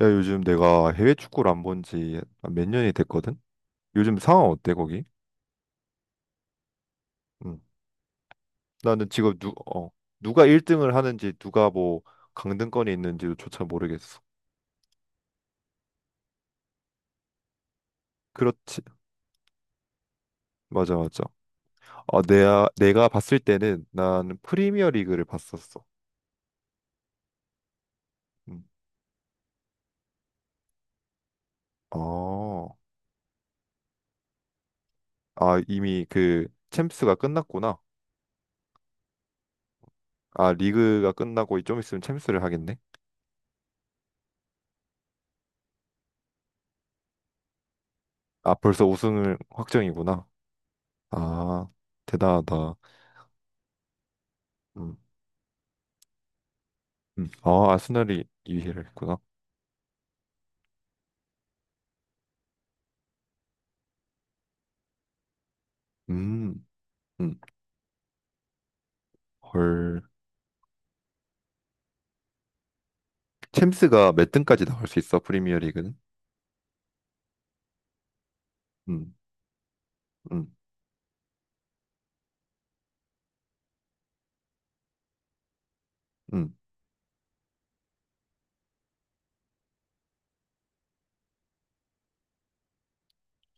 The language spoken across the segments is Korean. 야, 요즘 내가 해외 축구를 안 본지 몇 년이 됐거든? 요즘 상황 어때, 거기? 음. 나는 지금 누가 1등을 하는지, 누가 뭐 강등권에 있는지조차 모르겠어. 그렇지. 맞아, 맞아. 어, 내가 봤을 때는 난 프리미어 리그를 봤었어. 음. 어, 아, 아, 이미 그 챔스가 끝났구나. 아, 리그가 끝나고 좀 있으면 챔스를 하겠네. 아, 벌써 우승을 확정이구나. 아, 대단하다. 응. 음. 아, 아스날이 2위를 했구나. 음, 음, 헐. 챔스가 몇 등까지 나올 수 있어, 프리미어 리그는? 음, 음, 음.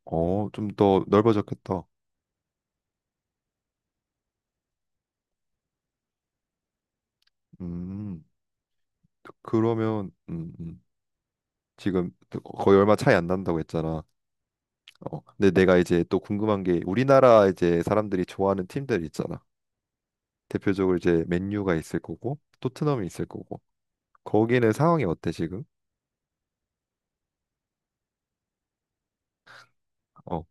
어, 좀 더 넓어졌겠다. 음, 그러면, 지금 거의 얼마 차이 안 난다고 했잖아. 어, 근데 내가 이제 또 궁금한 게 우리나라 이제 사람들이 좋아하는 팀들 있잖아. 대표적으로 이제 맨유가 있을 거고, 토트넘이 있을 거고. 거기는 상황이 어때, 지금? 어,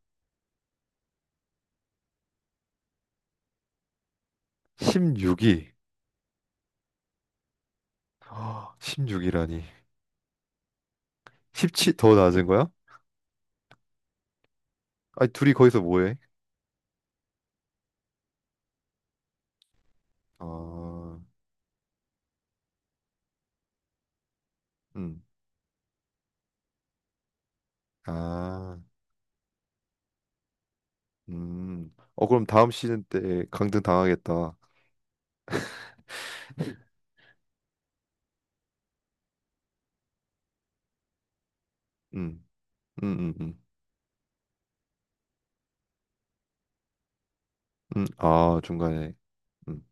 16위. 1 6위라니 17, 더 낮은 거야? 아니, 둘이 거기서 뭐 해? 아, 음, 아, 어, 그럼 다음 시즌 때 강등 당하겠다. 음, 음, 음, 음. 아, 중간에. 음,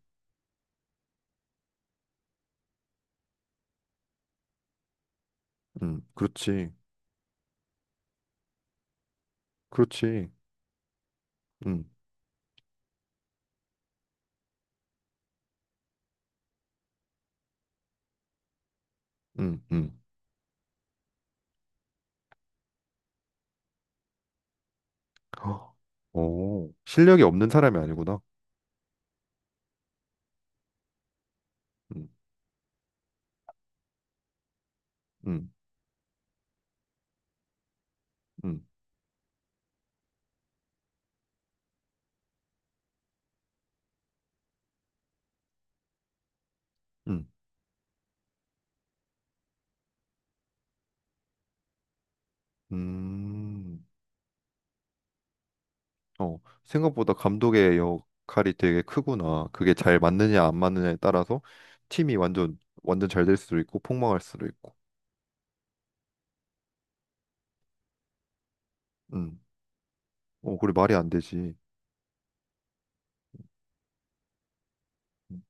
그렇지. 그렇지. 음, 음, 음. 허, 오, 실력이 없는 사람이 아니구나. 음, 음, 음, 음. 음. 어, 생각보다 감독의 역할이 되게 크구나. 그게 잘 맞느냐 안 맞느냐에 따라서 팀이 완전 완전 잘 될 수도 있고 폭망할 수도 있고. 음. 어, 그래 말이 안 되지. 음.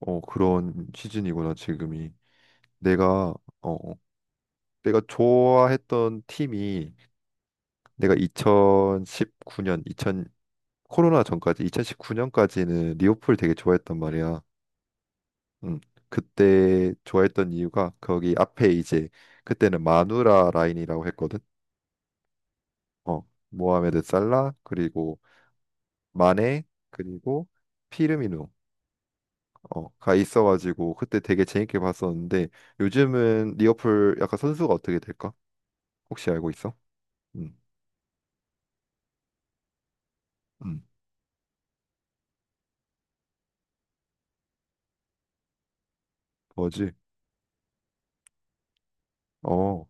어, 그런 시즌이구나 지금이. 내가 어, 어, 내가 좋아했던 팀이 내가 2019년 2 0 코로나 전까지 2019년까지는 리오풀 되게 좋아했단 말이야. 음. 그때 좋아했던 이유가 거기 앞에 이제 그때는 마누라 라인이라고 했거든. 어, 모하메드 살라 그리고 마네 그리고 피르미누어가 있어가지고 그때 되게 재밌게 봤었는데 요즘은 리버풀 약간 선수가 어떻게 될까? 혹시 알고 있어? 음, 음, 뭐지? 어,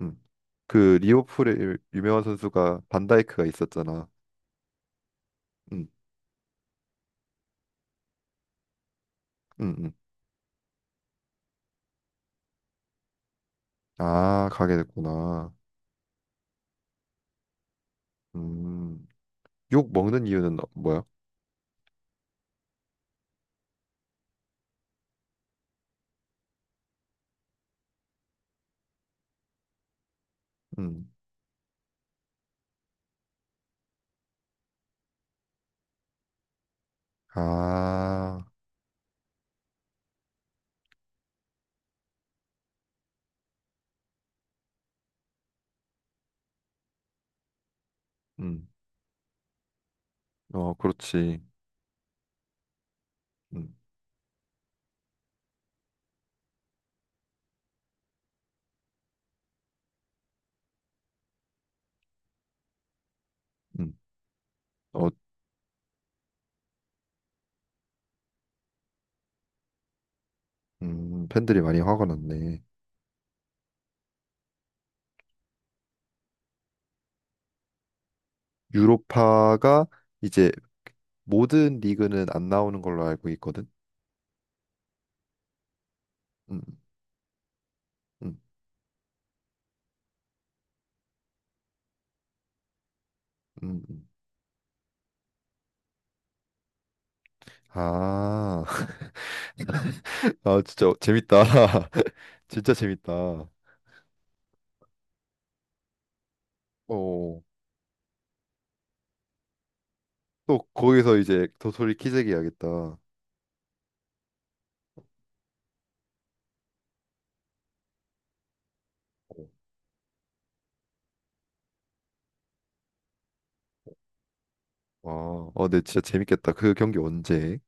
음, 그 리버풀의 유명한 선수가 반다이크가 있었잖아. 음, 음, 음. 아, 가게 됐구나. 음, 욕 먹는 이유는 뭐야? 음, 아, 음, 어, 그렇지. 음, 음. 어, 팬들이 많이 화가 났네. 유로파가 이제 모든 리그는 안 나오는 걸로 알고 있거든. 음, 음, 음. 아, 아 진짜 재밌다. 진짜 재밌다. 어, 또 거기서 이제 도토리 키재기 해야겠다. 와, 어, 네, 진짜 재밌겠다. 그 경기 언제?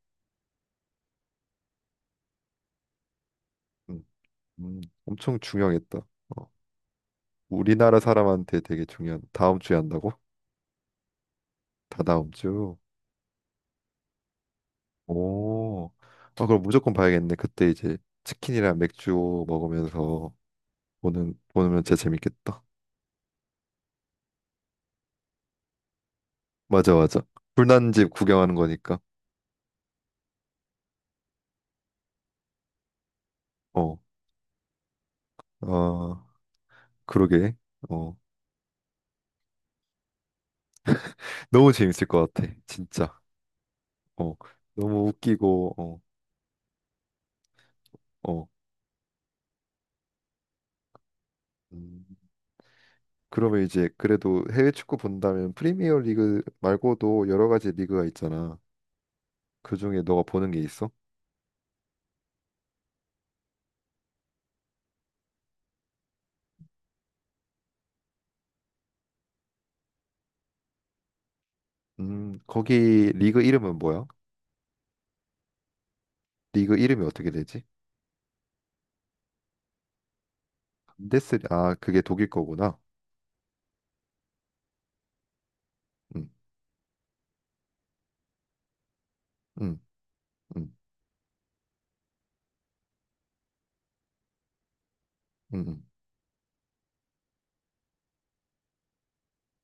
음, 엄청 중요하겠다. 어, 우리나라 사람한테 되게 중요한. 다음 주에 한다고? 다다음 주. 오, 아, 그럼 무조건 봐야겠네. 그때 이제 치킨이랑 맥주 먹으면서 보는 보면 진짜 재밌겠다. 맞아, 맞아. 불난집 구경하는 거니까. 어, 아, 그러게. 어, 너무 재밌을 것 같아. 진짜. 어, 너무 웃기고. 어, 어. 음, 그러면 이제 그래도 해외 축구 본다면 프리미어 리그 말고도 여러 가지 리그가 있잖아. 그중에 너가 보는 게 있어? 거기 리그 이름은 뭐야? 리그 이름이 어떻게 되지? 데스 아 그게 독일 거구나. 음, 음, 음, 음, 음.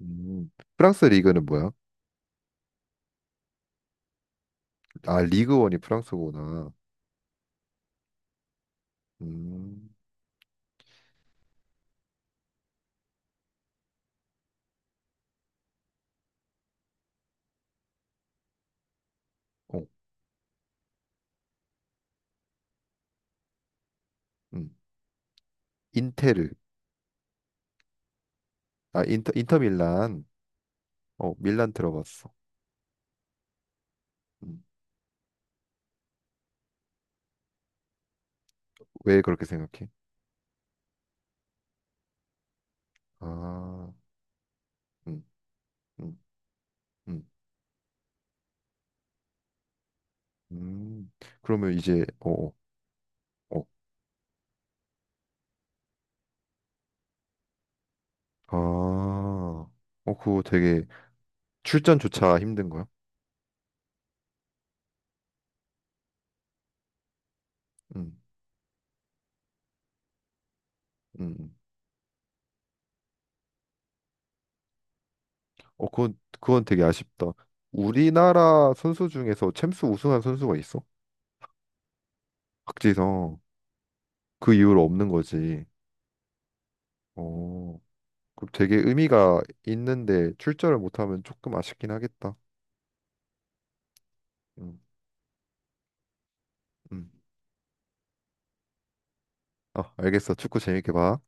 음. 프랑스 리그는 뭐야? 아 리그원이 프랑스구나. 음, 어, 음. 인테르 아 인터 밀란 어 밀란 들어봤어. 음. 왜 그렇게 생각해? 아, 음, 음, 음, 음. 그러면 이제 어, 어, 어. 아, 어 그거 되게 출전조차 힘든 거야? 음, 음, 음. 어, 그건 되게 아쉽다. 우리나라 선수 중에서 챔스 우승한 선수가 있어? 박지성. 그 이후로 없는 거지. 어, 그 되게 의미가 있는데 출전을 못하면 조금 아쉽긴 하겠다. 음, 음. 아, 알겠어. 축구 재밌게 봐.